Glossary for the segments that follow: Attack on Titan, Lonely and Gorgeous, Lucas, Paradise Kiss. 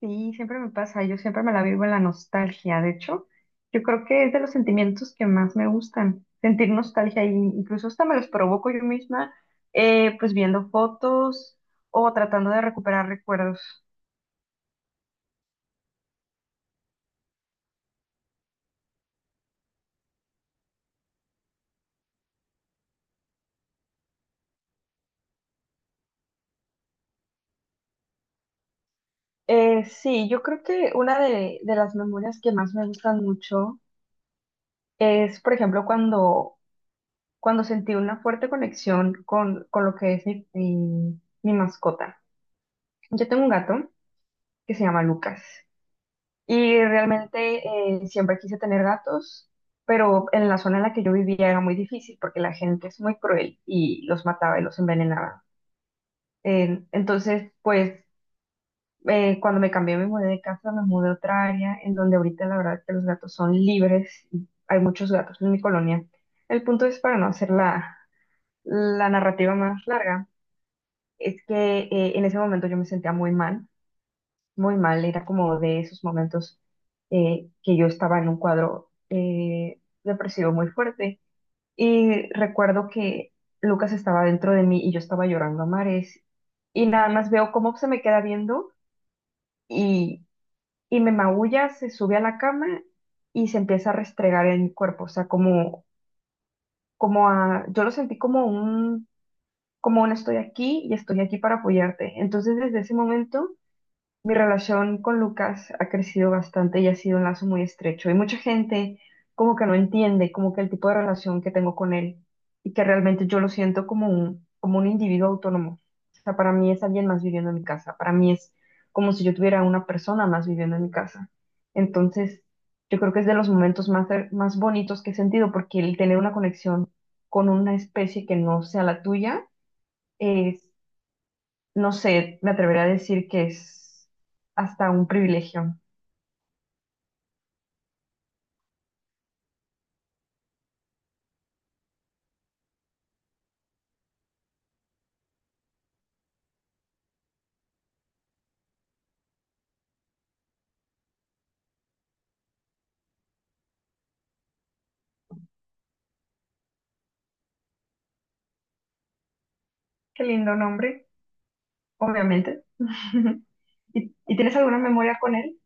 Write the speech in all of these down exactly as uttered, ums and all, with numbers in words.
Sí, siempre me pasa, yo siempre me la vivo en la nostalgia. De hecho, yo creo que es de los sentimientos que más me gustan, sentir nostalgia y incluso hasta me los provoco yo misma, eh, pues viendo fotos o tratando de recuperar recuerdos. Eh, sí, yo creo que una de, de las memorias que más me gustan mucho es, por ejemplo, cuando, cuando sentí una fuerte conexión con, con lo que es mi, mi mi mascota. Yo tengo un gato que se llama Lucas. Y realmente eh, siempre quise tener gatos, pero en la zona en la que yo vivía era muy difícil porque la gente es muy cruel y los mataba y los envenenaba. Eh, entonces, pues eh, cuando me cambié, me mudé de casa, me mudé a otra área en donde ahorita la verdad es que los gatos son libres y hay muchos gatos en mi colonia. El punto es, para no hacer la, la narrativa más larga, es que eh, en ese momento yo me sentía muy mal muy mal, era como de esos momentos eh, que yo estaba en un cuadro eh, depresivo muy fuerte. Y recuerdo que Lucas estaba dentro de mí y yo estaba llorando a mares. Y nada más veo cómo se me queda viendo y, y me maulla, se sube a la cama y se empieza a restregar en mi cuerpo. O sea, como, como a, yo lo sentí como un, como un estoy aquí y estoy aquí para apoyarte. Entonces, desde ese momento mi relación con Lucas ha crecido bastante y ha sido un lazo muy estrecho. Y mucha gente como que no entiende como que el tipo de relación que tengo con él y que realmente yo lo siento como un, como un individuo autónomo. O sea, para mí es alguien más viviendo en mi casa. Para mí es como si yo tuviera una persona más viviendo en mi casa. Entonces, yo creo que es de los momentos más, más bonitos que he sentido porque el tener una conexión con una especie que no sea la tuya es, no sé, me atrevería a decir que es hasta un privilegio. Qué lindo nombre, obviamente. ¿Y, y tienes alguna memoria con él?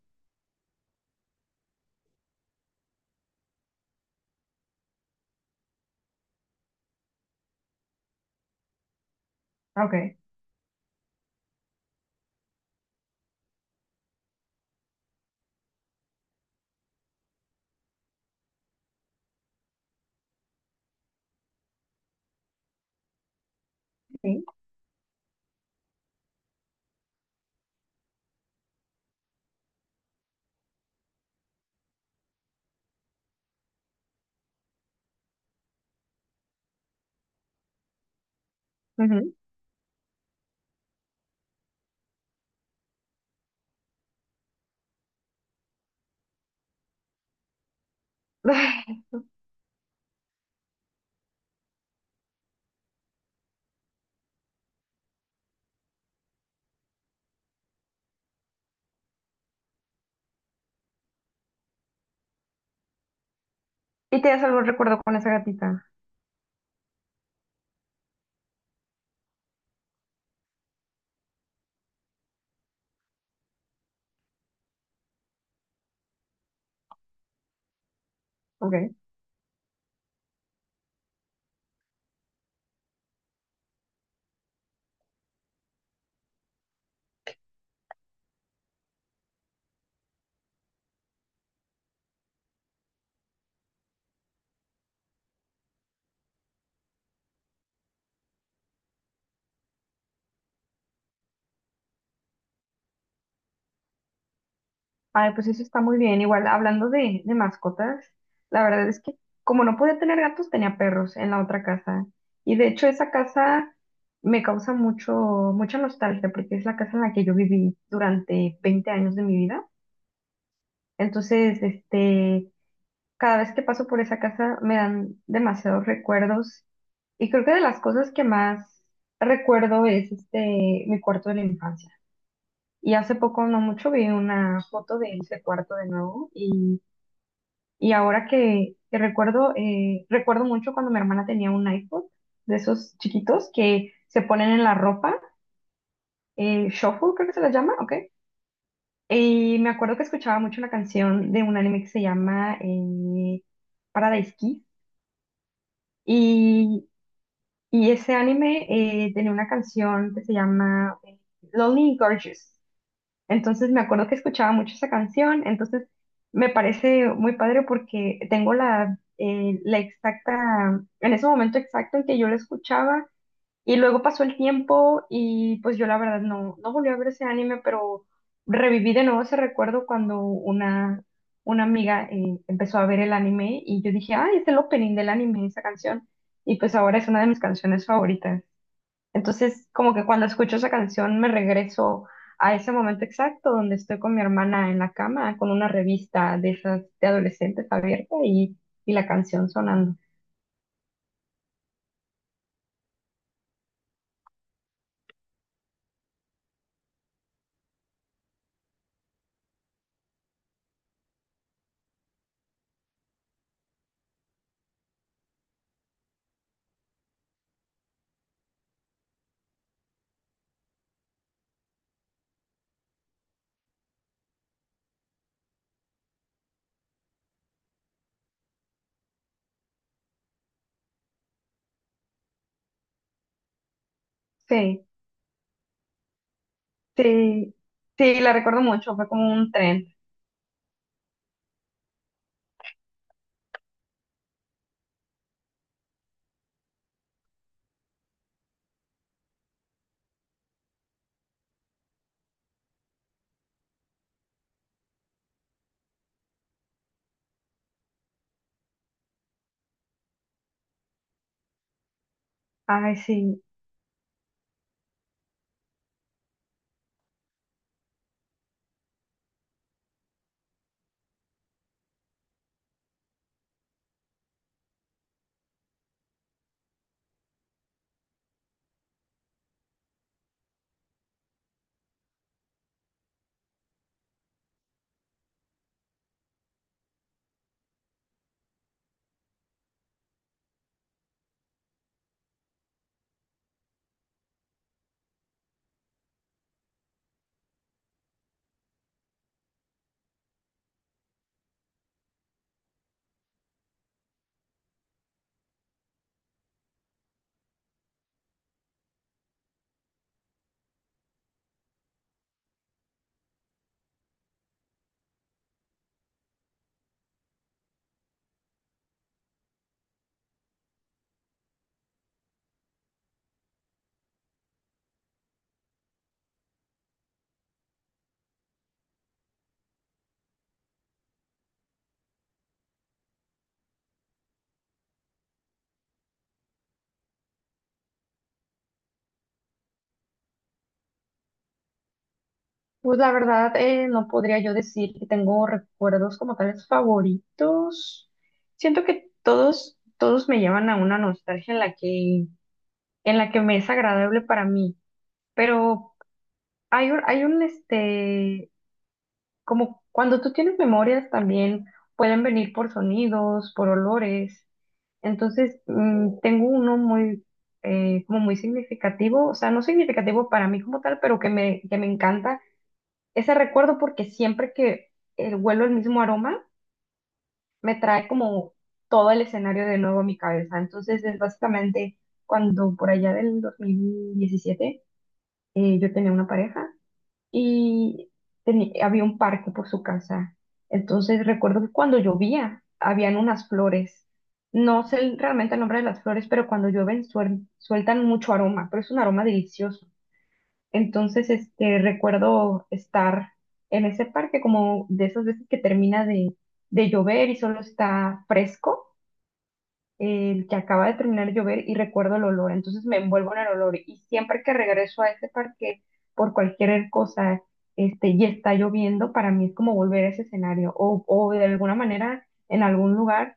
Ok. Sí. Ujú. ¿Y tienes algún recuerdo con esa gatita? Ok. Ay, pues eso está muy bien. Igual, hablando de, de mascotas, la verdad es que como no podía tener gatos, tenía perros en la otra casa. Y de hecho, esa casa me causa mucho, mucha nostalgia porque es la casa en la que yo viví durante veinte años de mi vida. Entonces, este, cada vez que paso por esa casa me dan demasiados recuerdos y creo que de las cosas que más recuerdo es este, mi cuarto de la infancia. Y hace poco, no mucho, vi una foto de ese cuarto de nuevo y, y ahora que, que recuerdo, eh, recuerdo mucho cuando mi hermana tenía un iPod de esos chiquitos que se ponen en la ropa, eh, shuffle creo que se la llama, ¿ok? Y me acuerdo que escuchaba mucho una canción de un anime que se llama eh, Paradise Kiss. Y, y ese anime eh, tenía una canción que se llama eh, Lonely and Gorgeous. Entonces me acuerdo que escuchaba mucho esa canción. Entonces me parece muy padre porque tengo la, eh, la exacta, en ese momento exacto en que yo la escuchaba, y luego pasó el tiempo y pues yo la verdad no, no volví a ver ese anime, pero reviví de nuevo ese recuerdo cuando una, una amiga eh, empezó a ver el anime y yo dije, ah, es el opening del anime, esa canción. Y pues ahora es una de mis canciones favoritas. Entonces, como que cuando escucho esa canción me regreso a ese momento exacto donde estoy con mi hermana en la cama con una revista de esas de adolescentes abierta y, y la canción sonando. Sí, sí, sí, la recuerdo mucho, fue como un tren. Ay, sí. Pues la verdad, eh, no podría yo decir que tengo recuerdos como tales favoritos. Siento que todos, todos me llevan a una nostalgia en la que, en la que me es agradable para mí. Pero hay un, hay un, este, como cuando tú tienes memorias también pueden venir por sonidos, por olores. Entonces, mm, tengo uno muy, eh, como muy significativo, o sea, no significativo para mí como tal, pero que me, que me encanta ese recuerdo porque siempre que eh, huelo el mismo aroma, me trae como todo el escenario de nuevo a mi cabeza. Entonces es básicamente cuando por allá del dos mil diecisiete eh, yo tenía una pareja y teni- había un parque por su casa. Entonces recuerdo que cuando llovía, habían unas flores. No sé el- realmente el nombre de las flores, pero cuando llueven suel- sueltan mucho aroma, pero es un aroma delicioso. Entonces, este, recuerdo estar en ese parque como de esas veces que termina de, de llover y solo está fresco, el que acaba de terminar de llover y recuerdo el olor, entonces me envuelvo en el olor y siempre que regreso a ese parque por cualquier cosa, este, y está lloviendo, para mí es como volver a ese escenario o, o de alguna manera en algún lugar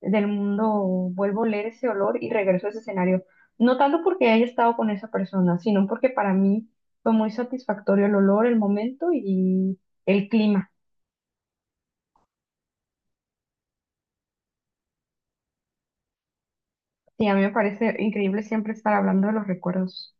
del mundo vuelvo a leer ese olor y regreso a ese escenario. No tanto porque haya estado con esa persona, sino porque para mí fue muy satisfactorio el olor, el momento y el clima. Sí, a mí me parece increíble siempre estar hablando de los recuerdos.